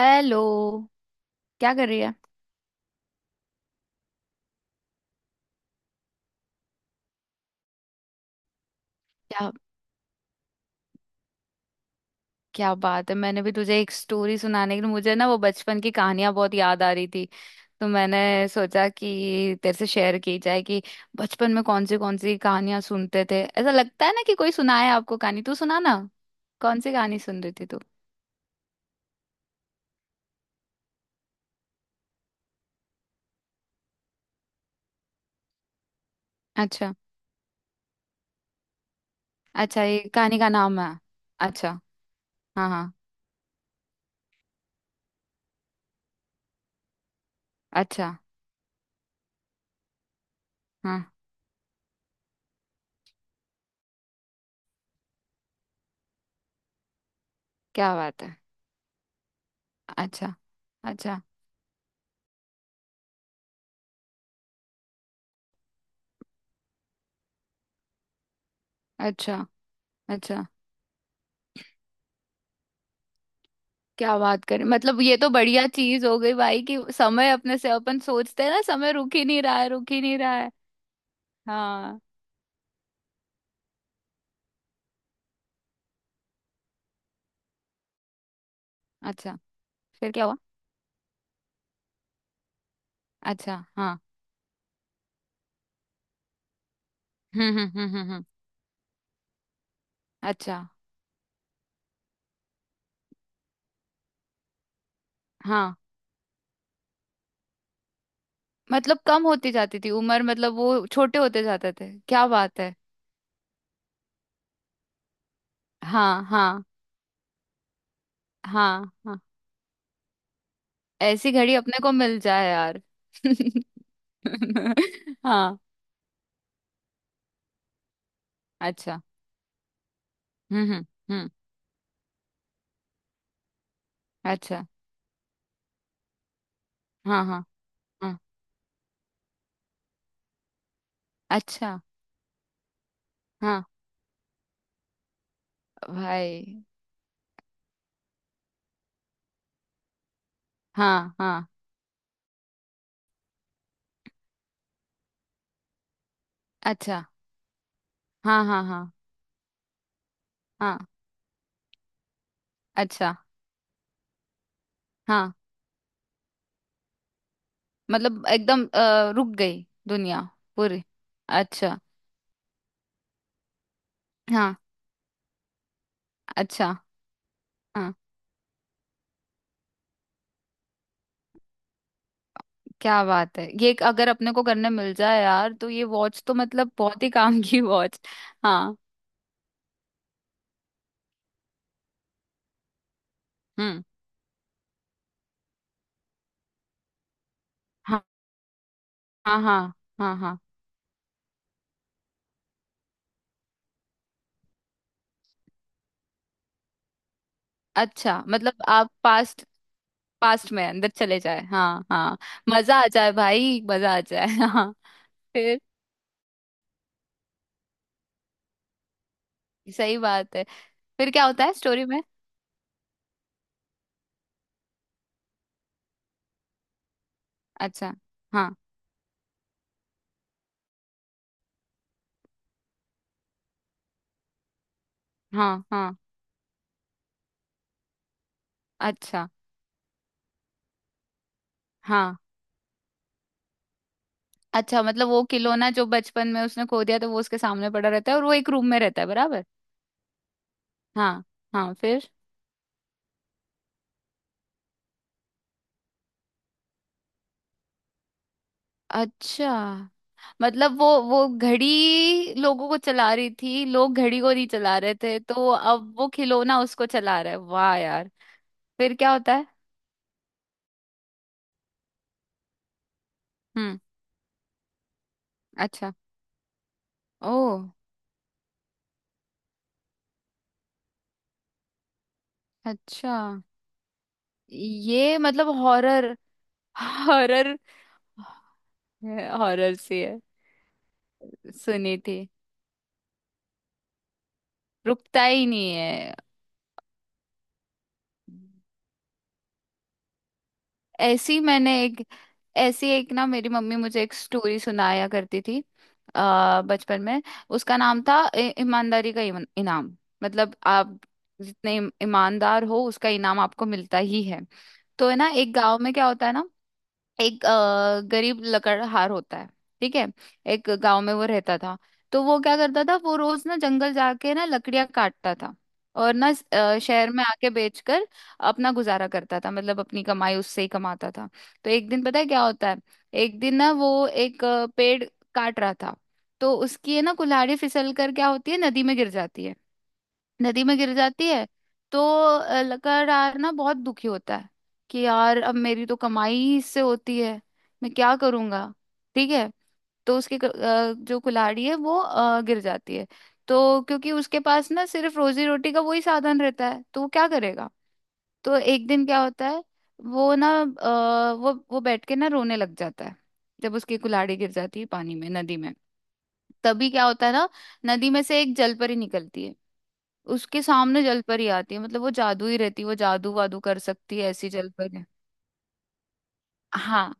Hello. क्या कर रही है? क्या। क्या बात है, मैंने भी तुझे एक स्टोरी सुनाने के लिए, मुझे ना वो बचपन की कहानियां बहुत याद आ रही थी। तो मैंने सोचा कि तेरे से शेयर की जाए कि बचपन में कौन सी कहानियां सुनते थे। ऐसा लगता है ना कि कोई सुनाए आपको कहानी। तू सुना ना। कौन सी कहानी सुन रही थी तू? अच्छा। अच्छा, ये कहानी का नाम है? अच्छा। हाँ हाँ। अच्छा। हाँ। क्या बात है। अच्छा। अच्छा। अच्छा। अच्छा। क्या बात करें, मतलब ये तो बढ़िया चीज हो गई भाई कि समय। अपने से अपन सोचते हैं ना समय रुक ही नहीं रहा है, रुक ही नहीं रहा है। हाँ। अच्छा। फिर क्या हुआ? अच्छा। हाँ। हम्म। अच्छा। हाँ। मतलब कम होती जाती थी उम्र, मतलब वो छोटे होते जाते थे। क्या बात है। हाँ हाँ हाँ हाँ। ऐसी घड़ी अपने को मिल जाए यार। हाँ। अच्छा। हम्म हम्म हम्म। अच्छा। हाँ हाँ हाँ। अच्छा। हाँ। भाई। हाँ हाँ। अच्छा। हाँ हाँ हाँ हाँ। अच्छा। हाँ। मतलब एकदम रुक गई। दुनिया। पूरी। अच्छा। हाँ। अच्छा। हाँ। क्या बात है, ये एक अगर अपने को करने मिल जाए यार तो ये वॉच तो मतलब बहुत ही काम की वॉच। हाँ। हम्म। हाँ हाँ हाँ हाँ हाँ। अच्छा, मतलब आप पास्ट पास्ट में अंदर चले जाए। हाँ हाँ। मजा आ जाए भाई, मजा आ जाए। हाँ। फिर। सही बात है। फिर क्या होता है स्टोरी में? अच्छा। हाँ हाँ हाँ। अच्छा। हाँ। अच्छा, मतलब वो खिलौना जो बचपन में उसने खो दिया, तो वो उसके सामने पड़ा रहता है और वो एक रूम में रहता है, बराबर। हाँ हाँ। फिर। अच्छा, मतलब वो घड़ी लोगों को चला रही थी, लोग घड़ी को नहीं चला रहे थे, तो अब वो खिलौना उसको चला रहा है। वाह यार। फिर क्या होता है? हम्म। अच्छा। ओ। अच्छा। ये मतलब हॉरर। हॉरर। हॉरर सी है। सुनी थी। रुकता ही नहीं है। ऐसी मैंने एक। ऐसी एक ना मेरी मम्मी मुझे एक स्टोरी सुनाया करती थी। बचपन में। उसका नाम था ईमानदारी का इनाम। मतलब आप जितने ईमानदार हो उसका इनाम आपको मिलता ही है। तो है ना, एक गांव में क्या होता है ना? एक गरीब लकड़हार होता है। ठीक है। एक गांव में वो रहता था। तो वो क्या करता था, वो रोज ना जंगल जाके ना लकड़ियां काटता था। और ना शहर में आके बेचकर अपना गुजारा करता था, मतलब अपनी कमाई उससे ही कमाता था। तो एक दिन पता है क्या होता है? एक दिन ना वो एक पेड़ काट रहा था। तो उसकी है ना कुल्हाड़ी फिसल कर क्या होती है, नदी में गिर जाती है। नदी में गिर जाती है। तो लगातार ना बहुत दुखी होता है कि यार अब मेरी तो कमाई ही इससे होती है, मैं क्या करूंगा। ठीक है। तो उसकी जो कुल्हाड़ी है वो गिर जाती है। तो क्योंकि उसके पास ना सिर्फ रोजी रोटी का वही साधन रहता है, तो वो क्या करेगा? तो एक दिन क्या होता है, वो ना वो बैठ के ना रोने लग जाता है, जब उसकी कुल्हाड़ी गिर जाती है पानी में, नदी में। तभी क्या होता है ना, नदी में से एक जलपरी निकलती है। उसके सामने जलपरी आती है, मतलब वो जादू ही रहती है, वो जादू वादू कर सकती है ऐसी जलपरी। हाँ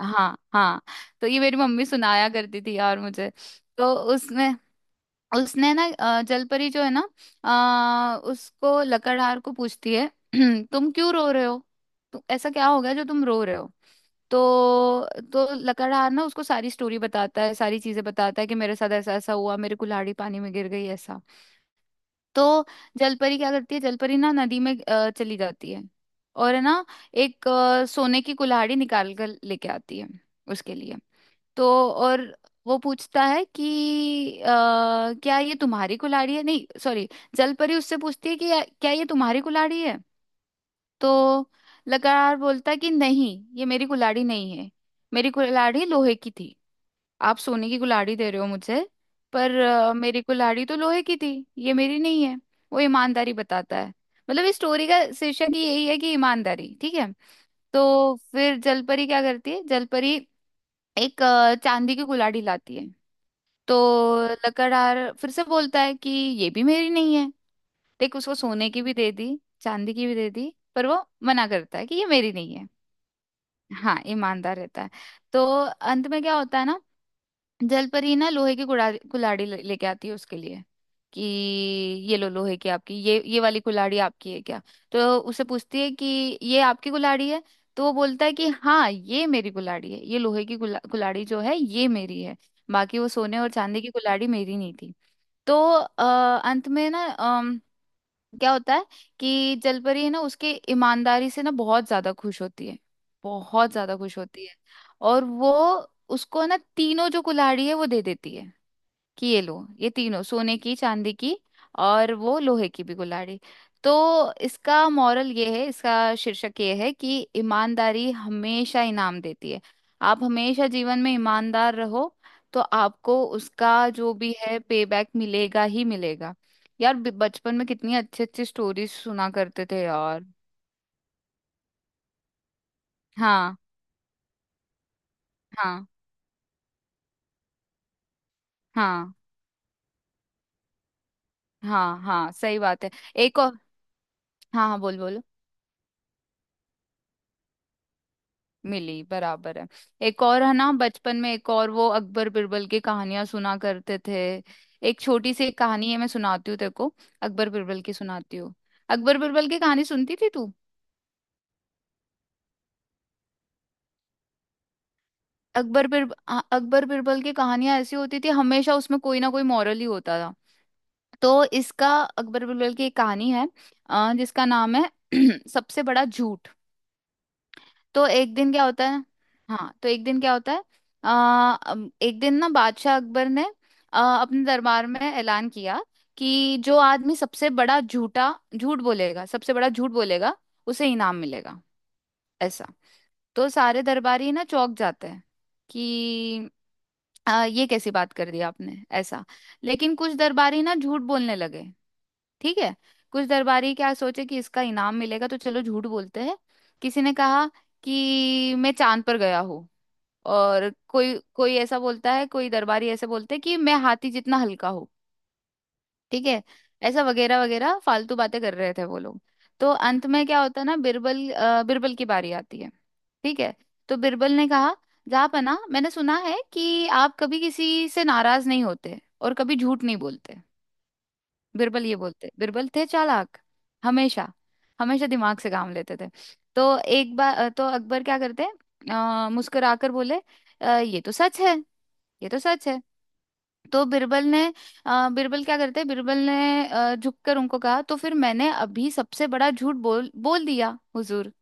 हाँ हाँ। तो ये मेरी मम्मी सुनाया करती थी यार मुझे। तो उसमें उसने ना जलपरी जो है ना, उसको लकड़हार को पूछती है। तुम क्यों रो रहे हो? तो ऐसा क्या हो गया जो तुम रो रहे हो? तो तो लकड़हार ना उसको सारी स्टोरी बताता है, सारी चीजें बताता है कि मेरे साथ ऐसा ऐसा हुआ, मेरी कुल्हाड़ी पानी में गिर गई ऐसा। तो जलपरी क्या करती है, जलपरी ना नदी में चली जाती है, और है ना एक सोने की कुल्हाड़ी निकाल कर लेके आती है उसके लिए। तो और वो पूछता है कि क्या ये तुम्हारी कुल्हाड़ी है, नहीं सॉरी, जलपरी उससे पूछती है कि क्या ये तुम्हारी कुल्हाड़ी है?" तो लकड़हार बोलता है कि नहीं, ये मेरी कुल्हाड़ी नहीं है। मेरी कुल्हाड़ी लोहे की थी। आप सोने की कुल्हाड़ी दे रहे हो मुझे। पर मेरी कुल्हाड़ी तो लोहे की थी, ये मेरी नहीं है। वो ईमानदारी बताता है। मतलब इस स्टोरी का शीर्षक ही यही है कि ईमानदारी। ठीक है। तो फिर जलपरी क्या करती है, जलपरी एक चांदी की कुल्हाड़ी लाती है। तो लकड़हार फिर से बोलता है कि ये भी मेरी नहीं है। देख, उसको सोने की भी दे दी, चांदी की भी दे दी, पर वो मना करता है कि ये मेरी नहीं है। हाँ ईमानदार रहता है। तो अंत में क्या होता है ना, जलपरी ना लोहे की कुड़ा कुल्हाड़ी लेके आती है उसके लिए कि ये लो लोहे की आपकी, ये वाली कुल्हाड़ी आपकी है क्या? तो उसे पूछती है कि ये आपकी कुल्हाड़ी है? तो वो बोलता है कि हाँ ये मेरी कुल्हाड़ी है, ये लोहे की कुल्हाड़ी जो है ये मेरी है। बाकी वो सोने और चांदी की कुल्हाड़ी मेरी नहीं थी। तो अंत में ना क्या होता है कि जलपरी है ना उसके ईमानदारी से ना बहुत ज्यादा खुश होती है, बहुत ज्यादा खुश होती है। और वो उसको ना तीनों जो कुल्हाड़ी है वो दे देती है कि ये लो, ये तीनों सोने की, चांदी की और वो लोहे की भी कुल्हाड़ी। तो इसका मॉरल ये है, इसका शीर्षक ये है कि ईमानदारी हमेशा इनाम देती है। आप हमेशा जीवन में ईमानदार रहो, तो आपको उसका जो भी है पे बैक मिलेगा ही मिलेगा। यार बचपन में कितनी अच्छी अच्छी स्टोरीज सुना करते थे यार। हाँ हाँ हाँ हाँ हाँ। सही बात है। एक और। हाँ हाँ, बोल, बोलो। मिली बराबर है। एक और है ना, बचपन में एक और वो अकबर बिरबल की कहानियां सुना करते थे। एक छोटी सी एक कहानी है, मैं सुनाती हूँ तेरे को, अकबर बिरबल की सुनाती हूँ। अकबर बिरबल की कहानी सुनती थी तू? अकबर बिर हाँ, अकबर बिरबल की कहानियां ऐसी होती थी, हमेशा उसमें कोई ना कोई मॉरल ही होता था। तो इसका अकबर बिरबल की एक कहानी है जिसका नाम है सबसे बड़ा झूठ। तो एक दिन क्या होता है? हाँ, तो एक दिन क्या होता है, आ, एक दिन ना बादशाह अकबर ने अपने दरबार में ऐलान किया कि जो आदमी सबसे बड़ा झूठ बोलेगा, सबसे बड़ा झूठ बोलेगा, उसे इनाम मिलेगा, ऐसा। तो सारे दरबारी ना चौंक जाते हैं कि ये कैसी बात कर दी आपने ऐसा। लेकिन कुछ दरबारी ना झूठ बोलने लगे। ठीक है। कुछ दरबारी क्या सोचे कि इसका इनाम मिलेगा तो चलो झूठ बोलते हैं। किसी ने कहा कि मैं चांद पर गया हूँ। और कोई कोई ऐसा बोलता है, कोई दरबारी ऐसे बोलते हैं कि मैं हाथी जितना हल्का हूँ। ठीक है। ऐसा वगैरह वगैरह फालतू बातें कर रहे थे वो लोग। तो अंत में क्या होता है ना, बिरबल की बारी आती है। ठीक है। तो बिरबल ने कहा, जापना मैंने सुना है कि आप कभी किसी से नाराज नहीं होते और कभी झूठ नहीं बोलते। बिरबल ये बोलते, बिरबल थे चालाक, हमेशा। हमेशा दिमाग से काम लेते थे। तो एक बार तो अकबर क्या करते, मुस्कुराकर बोले, ये तो सच है, ये तो सच है।" तो बिरबल ने, बिरबल क्या करते, बिरबल ने झुककर उनको कहा, तो फिर मैंने अभी सबसे बड़ा झूठ बोल बोल दिया हुजूर,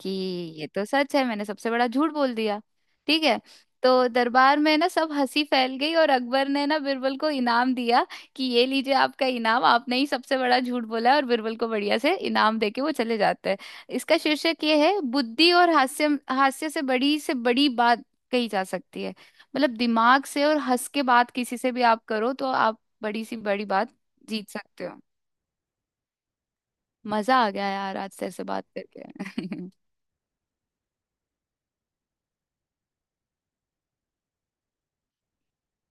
कि ये तो सच है, मैंने सबसे बड़ा झूठ बोल दिया। ठीक है। तो दरबार में ना सब हंसी फैल गई और अकबर ने ना बिरबल को इनाम दिया कि ये लीजिए आपका इनाम, आपने ही सबसे बड़ा झूठ बोला है, और बिरबल को बढ़िया से इनाम देके वो चले जाते हैं। इसका शीर्षक ये है, बुद्धि और हास्य। हास्य से बड़ी बात कही जा सकती है, मतलब दिमाग से और हंस के बात किसी से भी आप करो तो आप बड़ी सी बड़ी बात जीत सकते हो। मजा आ गया यार आज तेरे से बात करके।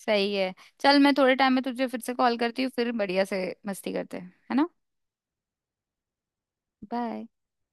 सही है। चल, मैं थोड़े टाइम में तुझे फिर से कॉल करती हूँ, फिर बढ़िया से मस्ती करते हैं, है ना। बाय।